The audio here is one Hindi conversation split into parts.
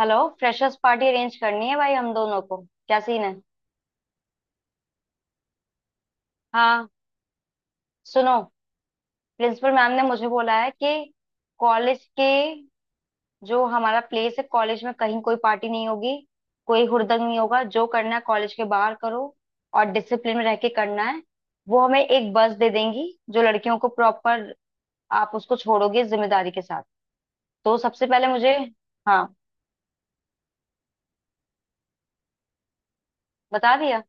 हेलो। फ्रेशर्स पार्टी अरेंज करनी है भाई, हम दोनों को क्या सीन है? हाँ। सुनो, प्रिंसिपल मैम ने मुझे बोला है कि कॉलेज के जो हमारा प्लेस है कॉलेज में कहीं कोई पार्टी नहीं होगी। कोई हुड़दंग नहीं होगा, जो करना है कॉलेज के बाहर करो, और डिसिप्लिन में रह के करना है। वो हमें एक बस दे देंगी जो लड़कियों को प्रॉपर, आप उसको छोड़ोगे जिम्मेदारी के साथ। तो सबसे पहले मुझे हाँ बता दिया।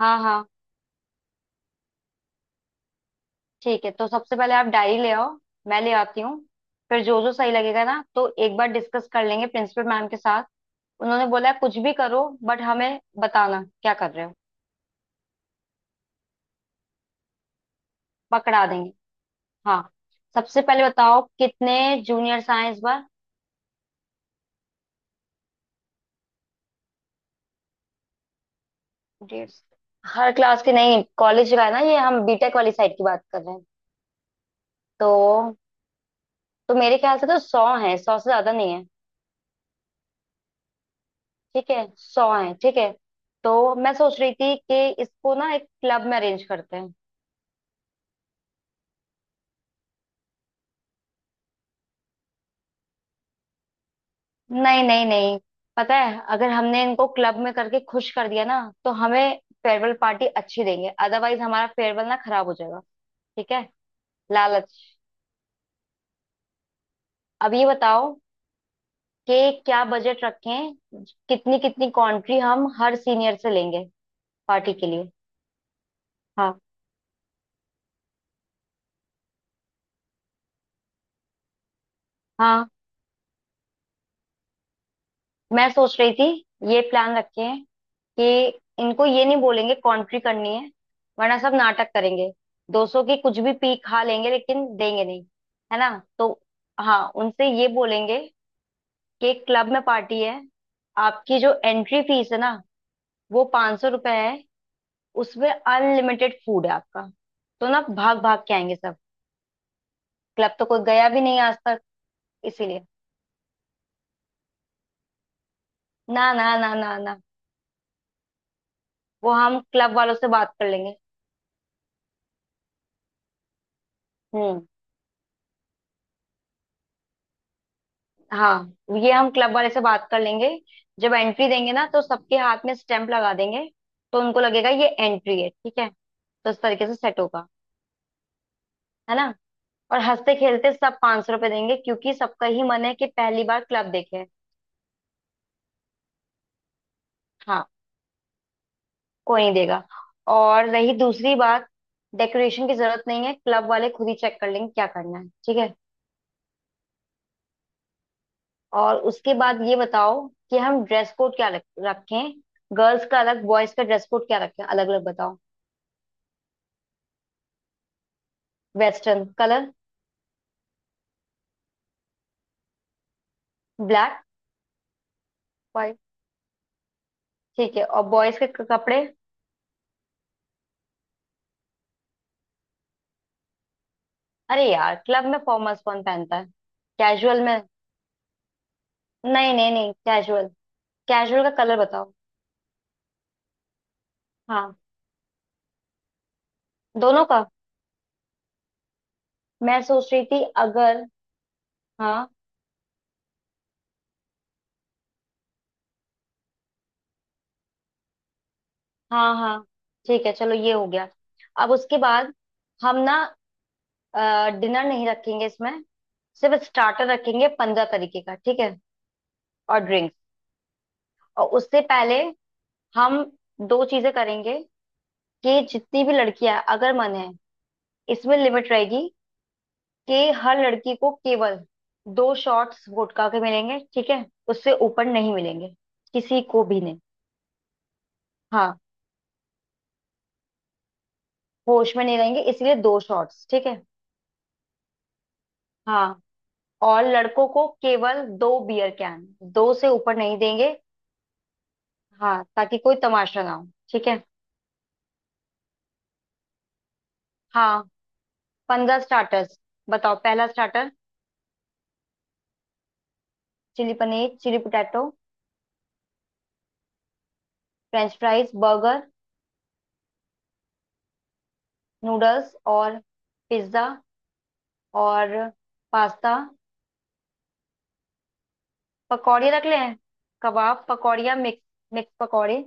हाँ हाँ ठीक है। तो सबसे पहले आप डायरी ले आओ, मैं ले आती हूँ। फिर जो जो सही लगेगा ना, तो एक बार डिस्कस कर लेंगे प्रिंसिपल मैम के साथ। उन्होंने बोला है कुछ भी करो बट हमें बताना क्या कर रहे हो। पकड़ा देंगे। हाँ। सबसे पहले बताओ कितने जूनियर्स आए इस बार? 150। हर क्लास के नहीं, कॉलेज का है ना, ये हम बीटेक वाली साइड की बात कर रहे हैं। तो तो मेरे ख्याल से तो 100 है, 100 से ज्यादा नहीं है। ठीक है, 100 है ठीक है। तो मैं सोच रही थी कि इसको ना एक क्लब में अरेंज करते हैं। नहीं नहीं नहीं, पता है अगर हमने इनको क्लब में करके खुश कर दिया ना तो हमें फेयरवेल पार्टी अच्छी देंगे, अदरवाइज हमारा फेयरवेल ना खराब हो जाएगा। ठीक है। लालच। अब ये बताओ कि क्या बजट रखें, कितनी कितनी कंट्री हम हर सीनियर से लेंगे पार्टी के लिए? हाँ हाँ। मैं सोच रही थी ये प्लान रखें कि इनको ये नहीं बोलेंगे कॉन्ट्री करनी है, वरना सब नाटक करेंगे। 200 की कुछ भी पी खा लेंगे लेकिन देंगे नहीं। है ना? तो हाँ, उनसे ये बोलेंगे कि क्लब में पार्टी है, आपकी जो एंट्री फीस है ना वो ₹500 है, उसमें अनलिमिटेड फूड है आपका। तो ना भाग भाग के आएंगे सब। क्लब तो कोई गया भी नहीं आज तक, इसीलिए। ना ना ना ना ना, वो हम क्लब वालों से बात कर लेंगे। हम्म। हाँ ये हम क्लब वाले से बात कर लेंगे। जब एंट्री देंगे ना तो सबके हाथ में स्टैंप लगा देंगे, तो उनको लगेगा ये एंट्री है। ठीक है। तो इस तरीके से सेट होगा है ना, और हंसते खेलते सब ₹500 देंगे क्योंकि सबका ही मन है कि पहली बार क्लब देखे। हाँ कोई नहीं देगा। और रही दूसरी बात, डेकोरेशन की जरूरत नहीं है, क्लब वाले खुद ही चेक कर लेंगे क्या करना है, ठीक है। और उसके बाद ये बताओ कि हम ड्रेस कोड क्या रखें? गर्ल्स का अलग, बॉयज का ड्रेस कोड क्या रखें, अलग अलग बताओ। Western colour. ब्लैक। व्हाइट। ठीक है, और बॉयज के कपड़े? अरे यार, क्लब में फॉर्मल्स कौन पहनता है। कैजुअल में। नहीं नहीं नहीं, कैजुअल। कैजुअल का कलर बताओ। हाँ दोनों का। मैं सोच रही थी अगर। हाँ हाँ हाँ, ठीक है चलो ये हो गया। अब उसके बाद हम ना डिनर नहीं रखेंगे इसमें, सिर्फ स्टार्टर रखेंगे 15 तरीके का, ठीक है। और ड्रिंक्स। और उससे पहले हम दो चीजें करेंगे कि जितनी भी लड़कियां, अगर मन है इसमें लिमिट रहेगी कि हर लड़की को केवल दो शॉट्स गुटखा के मिलेंगे, ठीक है उससे ऊपर नहीं मिलेंगे, किसी को भी नहीं। हाँ, होश में नहीं रहेंगे इसलिए दो शॉट्स ठीक है। हाँ, और लड़कों को केवल दो बियर कैन, दो से ऊपर नहीं देंगे। हाँ, ताकि कोई तमाशा ना हो, ठीक है। हाँ, 15 स्टार्टर्स। बताओ पहला starter. Chilli paneer, chilli potato, french fries, burger, noodles और पिज्ज़ा, और पास्ता। पकौड़े रख लें, कबाब, पकौड़िया मिक्स, मिक्स पकौड़े।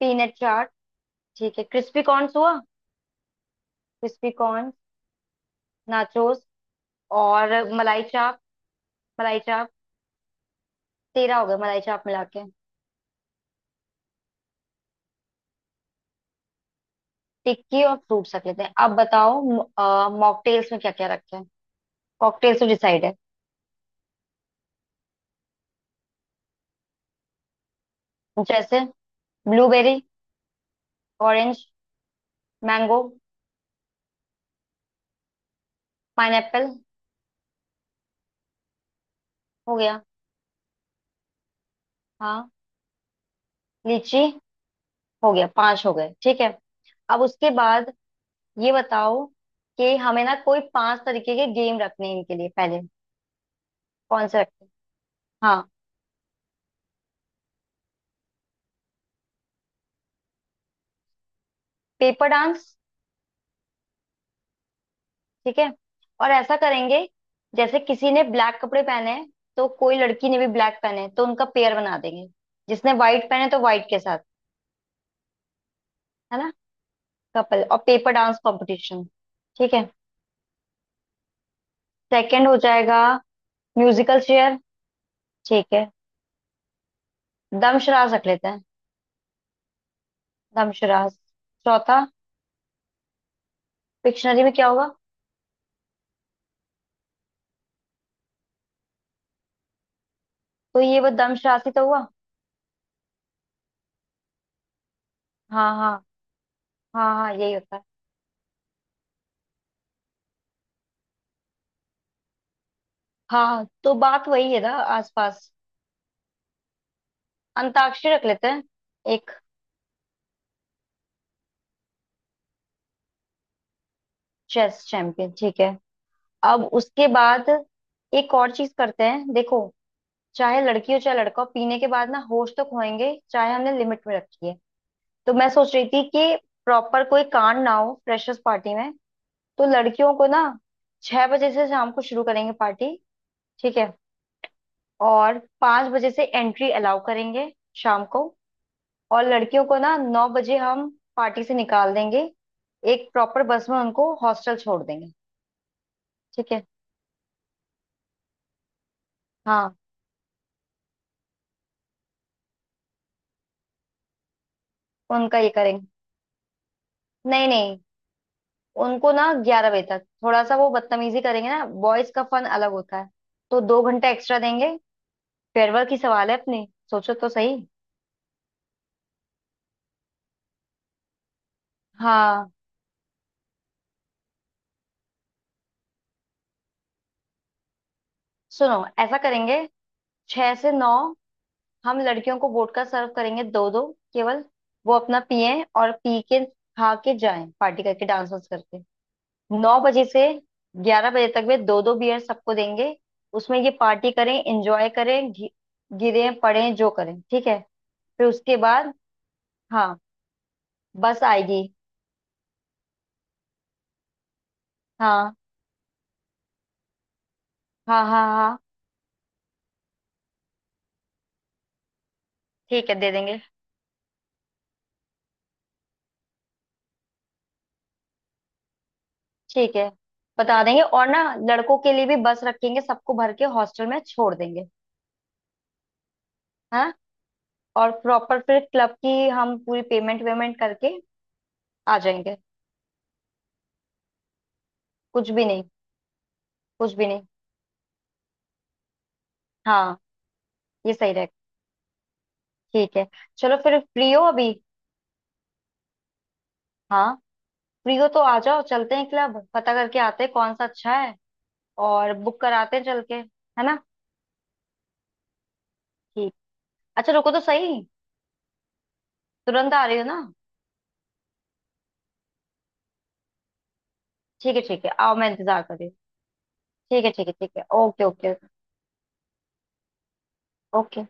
पीनट चाट, ठीक है, क्रिस्पी कॉर्न हुआ, क्रिस्पी कॉर्न, नाचोस, और मलाई चाप। मलाई चाप, 13 हो गए मलाई चाप मिला के। टिक्की और फ्रूट्स रख लेते हैं। अब बताओ मॉकटेल्स में क्या क्या रखें हैं। कॉकटेल्स तो डिसाइड है। जैसे ब्लूबेरी, ऑरेंज, मैंगो, पाइनएप्पल। हो गया। हाँ लीची। हो गया, पांच हो गए ठीक है। अब उसके बाद ये बताओ कि हमें ना कोई पांच तरीके के गेम रखने हैं इनके लिए पहले। कौन से रखें? हाँ पेपर डांस। ठीक है, और ऐसा करेंगे जैसे किसी ने ब्लैक कपड़े पहने हैं, तो कोई लड़की ने भी ब्लैक पहने हैं, तो उनका पेयर बना देंगे, जिसने व्हाइट पहने तो व्हाइट के साथ, है ना। कपल और पेपर डांस कंपटीशन। ठीक है, सेकंड हो जाएगा। Musical chair. ठीक है, दमशराज रख लेते हैं। दमशराज। चौथा। डिक्शनरी में क्या होगा? तो ये वो दमशराज ही तो हुआ। हाँ हाँ। हाँ हाँ यही होता है। हाँ तो बात वही है ना, आसपास। अंताक्षरी रख लेते हैं। एक चेस चैंपियन, ठीक है। अब उसके बाद एक और चीज करते हैं देखो। चाहे लड़की हो चाहे लड़का हो, पीने के बाद ना होश तो खोएंगे, चाहे हमने लिमिट में रखी है। तो मैं सोच रही थी कि प्रॉपर कोई कांड ना हो फ्रेशर्स पार्टी में। तो लड़कियों को ना, 6 बजे से शाम को शुरू करेंगे पार्टी, ठीक है, और 5 बजे से एंट्री अलाउ करेंगे शाम को। और लड़कियों को ना 9 बजे हम पार्टी से निकाल देंगे, एक प्रॉपर बस में उनको हॉस्टल छोड़ देंगे। ठीक है हाँ। उनका ये करेंगे। नहीं नहीं, उनको ना 11 बजे तक, थोड़ा सा वो बदतमीजी करेंगे ना, बॉयज का फन अलग होता है, तो 2 घंटा एक्स्ट्रा देंगे। फेयरवेल की सवाल है, अपनी सोचो तो सही। हाँ सुनो ऐसा करेंगे, 6 से 9 हम लड़कियों को वोडका सर्व करेंगे दो दो, केवल। वो अपना पिए और पी के खा के जाएं, पार्टी करके डांस वांस करके। 9 बजे से 11 बजे तक में दो दो बियर सबको देंगे, उसमें ये पार्टी करें, एंजॉय करें, गिरें पड़ें जो करें, ठीक है। फिर उसके बाद, हाँ बस आएगी। हाँ हाँ हाँ हाँ, ठीक है दे देंगे। ठीक है बता देंगे, और ना लड़कों के लिए भी बस रखेंगे, सबको भर के हॉस्टल में छोड़ देंगे। हाँ, और प्रॉपर फिर क्लब की हम पूरी पेमेंट वेमेंट करके आ जाएंगे। कुछ भी नहीं। कुछ भी नहीं। हाँ ये सही रहेगा। ठीक है चलो फिर, फ्री हो अभी? हाँ फ्री हो तो आ जाओ, चलते हैं क्लब पता करके आते हैं कौन सा अच्छा है, और बुक कराते हैं चल के, है ना। ठीक। अच्छा रुको तो सही, तुरंत आ रही हो ना? ठीक है ठीक है, आओ मैं इंतजार कर रही हूँ। ठीक है ठीक है ठीक है ओके ओके ओके।